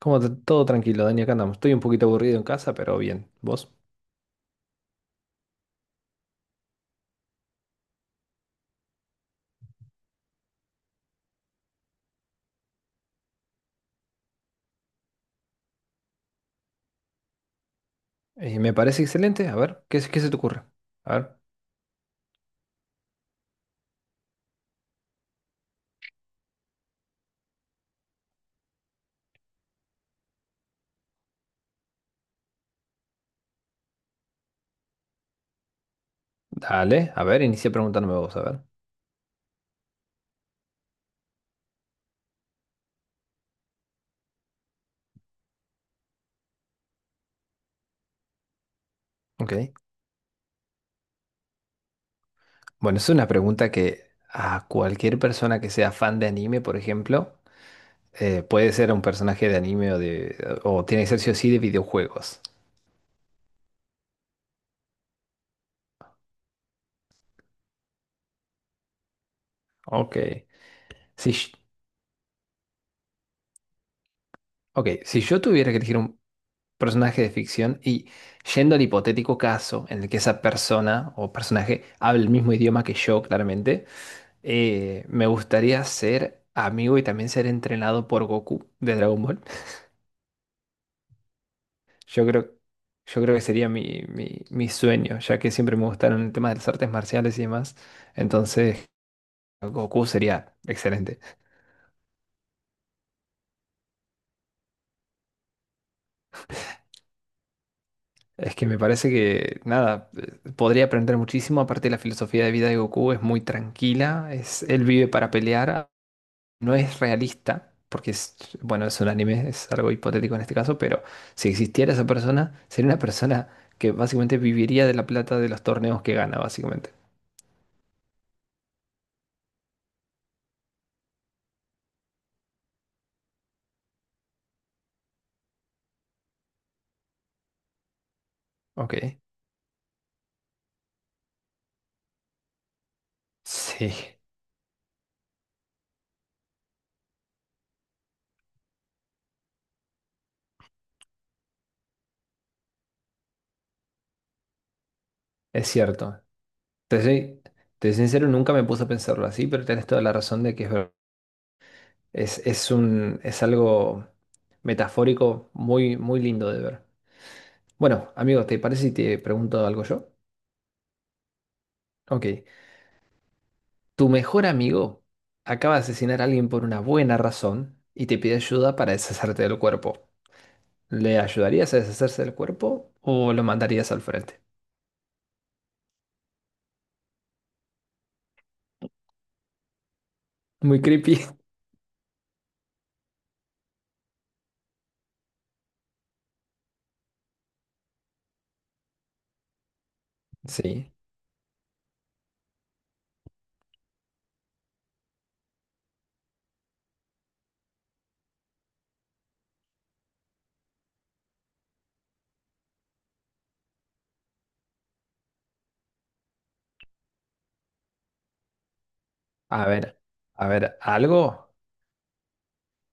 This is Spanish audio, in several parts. Todo tranquilo, Dani, acá andamos. Estoy un poquito aburrido en casa, pero bien. ¿Vos? Me parece excelente. A ver, ¿ qué se te ocurre? A ver, dale, a ver, inicia preguntándome vos, a ver. Ok. Bueno, es una pregunta que a cualquier persona que sea fan de anime, por ejemplo, puede ser un personaje de anime o tiene que ser sí o sí de videojuegos. Ok. Si, sh- ok, si yo tuviera que elegir un personaje de ficción y yendo al hipotético caso en el que esa persona o personaje hable el mismo idioma que yo, claramente. Me gustaría ser amigo y también ser entrenado por Goku de Dragon Ball. Yo creo, yo creo que sería mi sueño, ya que siempre me gustaron el tema de las artes marciales y demás. Entonces, Goku sería excelente. Es que me parece que, nada, podría aprender muchísimo. Aparte, la filosofía de vida de Goku es muy tranquila. Es, él vive para pelear, no es realista, porque es, bueno, es un anime, es algo hipotético en este caso, pero si existiera esa persona, sería una persona que básicamente viviría de la plata de los torneos que gana, básicamente. Ok. Sí, es cierto. Te soy, te soy sincero, nunca me puse a pensarlo así, pero tienes toda la razón de que es un, es algo metafórico muy, muy lindo de ver. Bueno, amigo, ¿te parece si te pregunto algo yo? Ok. Tu mejor amigo acaba de asesinar a alguien por una buena razón y te pide ayuda para deshacerte del cuerpo. ¿Le ayudarías a deshacerse del cuerpo o lo mandarías al frente? Muy creepy. Sí. A ver, a ver, algo.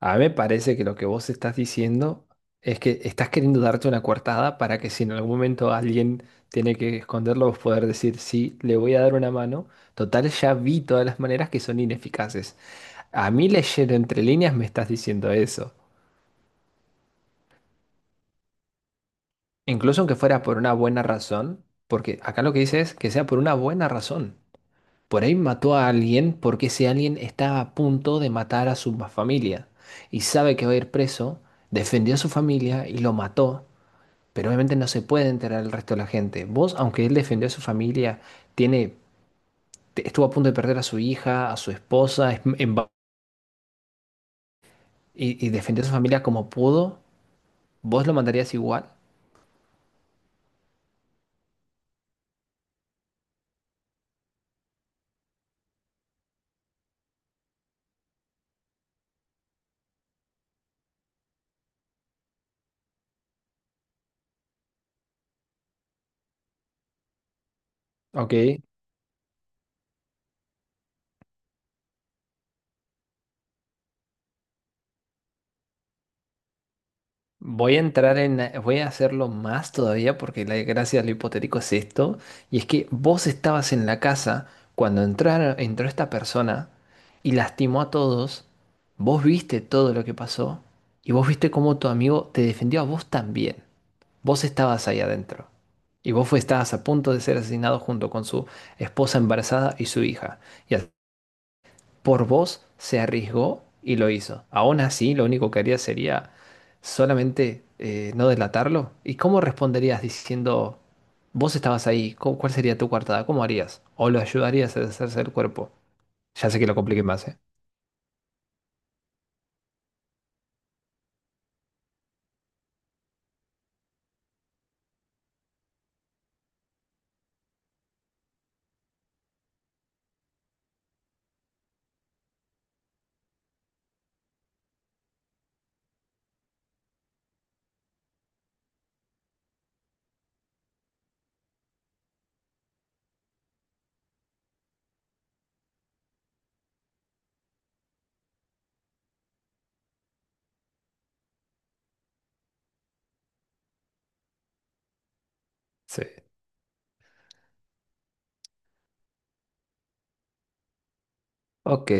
A mí me parece que lo que vos estás diciendo es que estás queriendo darte una coartada para que si en algún momento alguien tiene que esconderlo, vos poder decir, sí, le voy a dar una mano. Total, ya vi todas las maneras que son ineficaces. A mí leyendo entre líneas me estás diciendo eso. Incluso aunque fuera por una buena razón, porque acá lo que dice es que sea por una buena razón. Por ahí mató a alguien porque ese alguien estaba a punto de matar a su familia y sabe que va a ir preso, defendió a su familia y lo mató, pero obviamente no se puede enterar el resto de la gente. Vos, aunque él defendió a su familia, tiene, estuvo a punto de perder a su hija, a su esposa, y defendió a su familia como pudo, ¿vos lo mandarías igual? Ok. Voy a hacerlo más todavía porque la gracia de lo hipotético es esto, y es que vos estabas en la casa cuando entraron, entró esta persona y lastimó a todos, vos viste todo lo que pasó y vos viste cómo tu amigo te defendió a vos también, vos estabas ahí adentro y estabas a punto de ser asesinado junto con su esposa embarazada y su hija, y al por vos se arriesgó y lo hizo. Aún así, lo único que haría sería solamente no delatarlo. ¿Y cómo responderías diciendo, vos estabas ahí? ¿ Cuál sería tu coartada? ¿Cómo harías? ¿O lo ayudarías a deshacerse del cuerpo? Ya sé que lo compliqué más, ¿eh? Sí. Ok.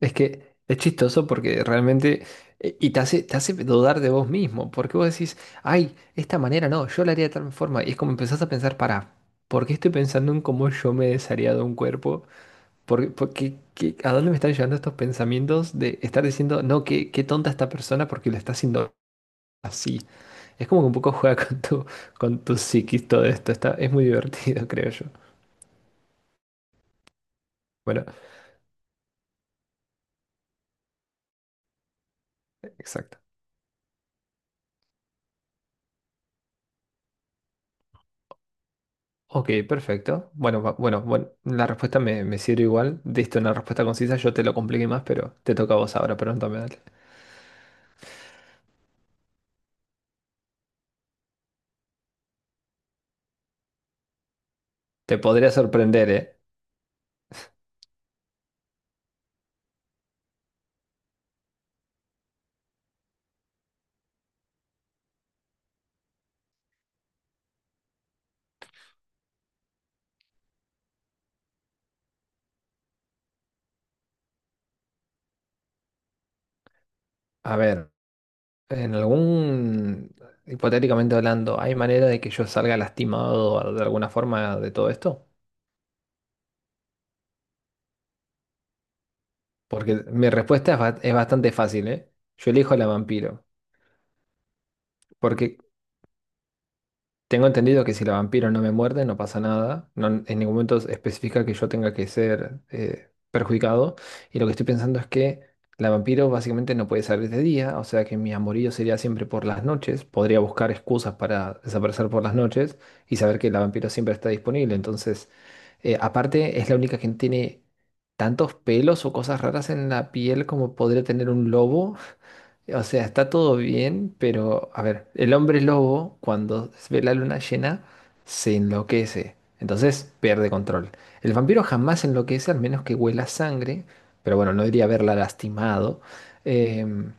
Es que es chistoso porque realmente... y te hace dudar de vos mismo, porque vos decís, ay, esta manera no, yo la haría de tal forma. Y es como empezás a pensar, para, ¿por qué estoy pensando en cómo yo me desharía de un cuerpo? ¿A dónde me están llevando estos pensamientos de estar diciendo, no, qué tonta esta persona porque lo está haciendo así? Es como que un poco juega con con tu psiquis todo esto. Está, es muy divertido, creo yo. Bueno, exacto. Ok, perfecto. Bueno, bueno, bueno, la respuesta me sirve igual. Diste una respuesta concisa, yo te lo compliqué más, pero te toca a vos ahora, pregúntame, dale. Te podría sorprender, ¿eh? A ver, en algún, hipotéticamente hablando, ¿hay manera de que yo salga lastimado de alguna forma de todo esto? Porque mi respuesta es bastante fácil, ¿eh? Yo elijo la vampiro, porque tengo entendido que si la vampiro no me muerde, no pasa nada. No, en ningún momento especifica que yo tenga que ser perjudicado. Y lo que estoy pensando es que la vampiro básicamente no puede salir de día, o sea que mi amorío sería siempre por las noches. Podría buscar excusas para desaparecer por las noches y saber que la vampiro siempre está disponible. Entonces, aparte, es la única que tiene tantos pelos o cosas raras en la piel como podría tener un lobo. O sea, está todo bien, pero a ver, el hombre lobo cuando ve la luna llena se enloquece, entonces pierde control. El vampiro jamás se enloquece al menos que huela sangre, pero bueno, no diría haberla lastimado. Em,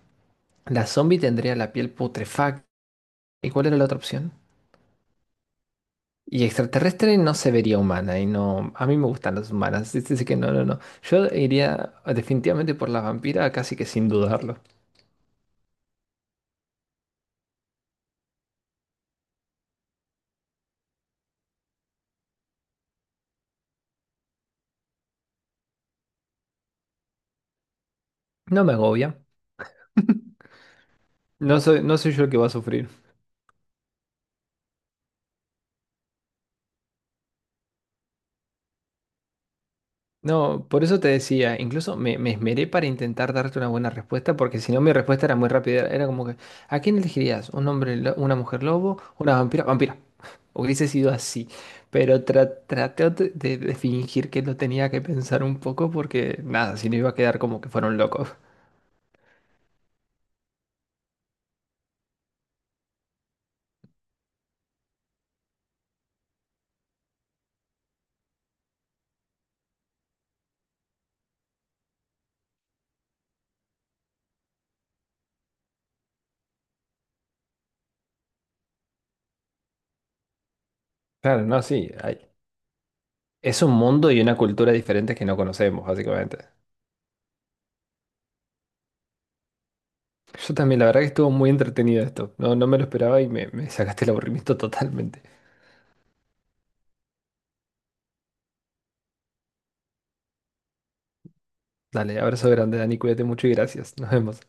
la zombie tendría la piel putrefacta. ¿Y cuál era la otra opción? Y extraterrestre no se vería humana y no, a mí me gustan las humanas. Es decir que no, no, no. Yo iría definitivamente por la vampira, casi que sin dudarlo. No me agobia. No soy yo el que va a sufrir. No, por eso te decía, incluso me esmeré para intentar darte una buena respuesta, porque si no mi respuesta era muy rápida, era como que, ¿a quién elegirías? ¿ Una mujer lobo, ¿una vampira? Vampira. Hubiese sido así, pero traté de fingir que lo tenía que pensar un poco porque nada, si no iba a quedar como que fueron locos. Claro, no, sí, es un mundo y una cultura diferentes que no conocemos, básicamente. Yo también, la verdad que estuvo muy entretenido esto, no, no me lo esperaba y me sacaste el aburrimiento totalmente. Dale, abrazo grande, Dani, cuídate mucho y gracias. Nos vemos.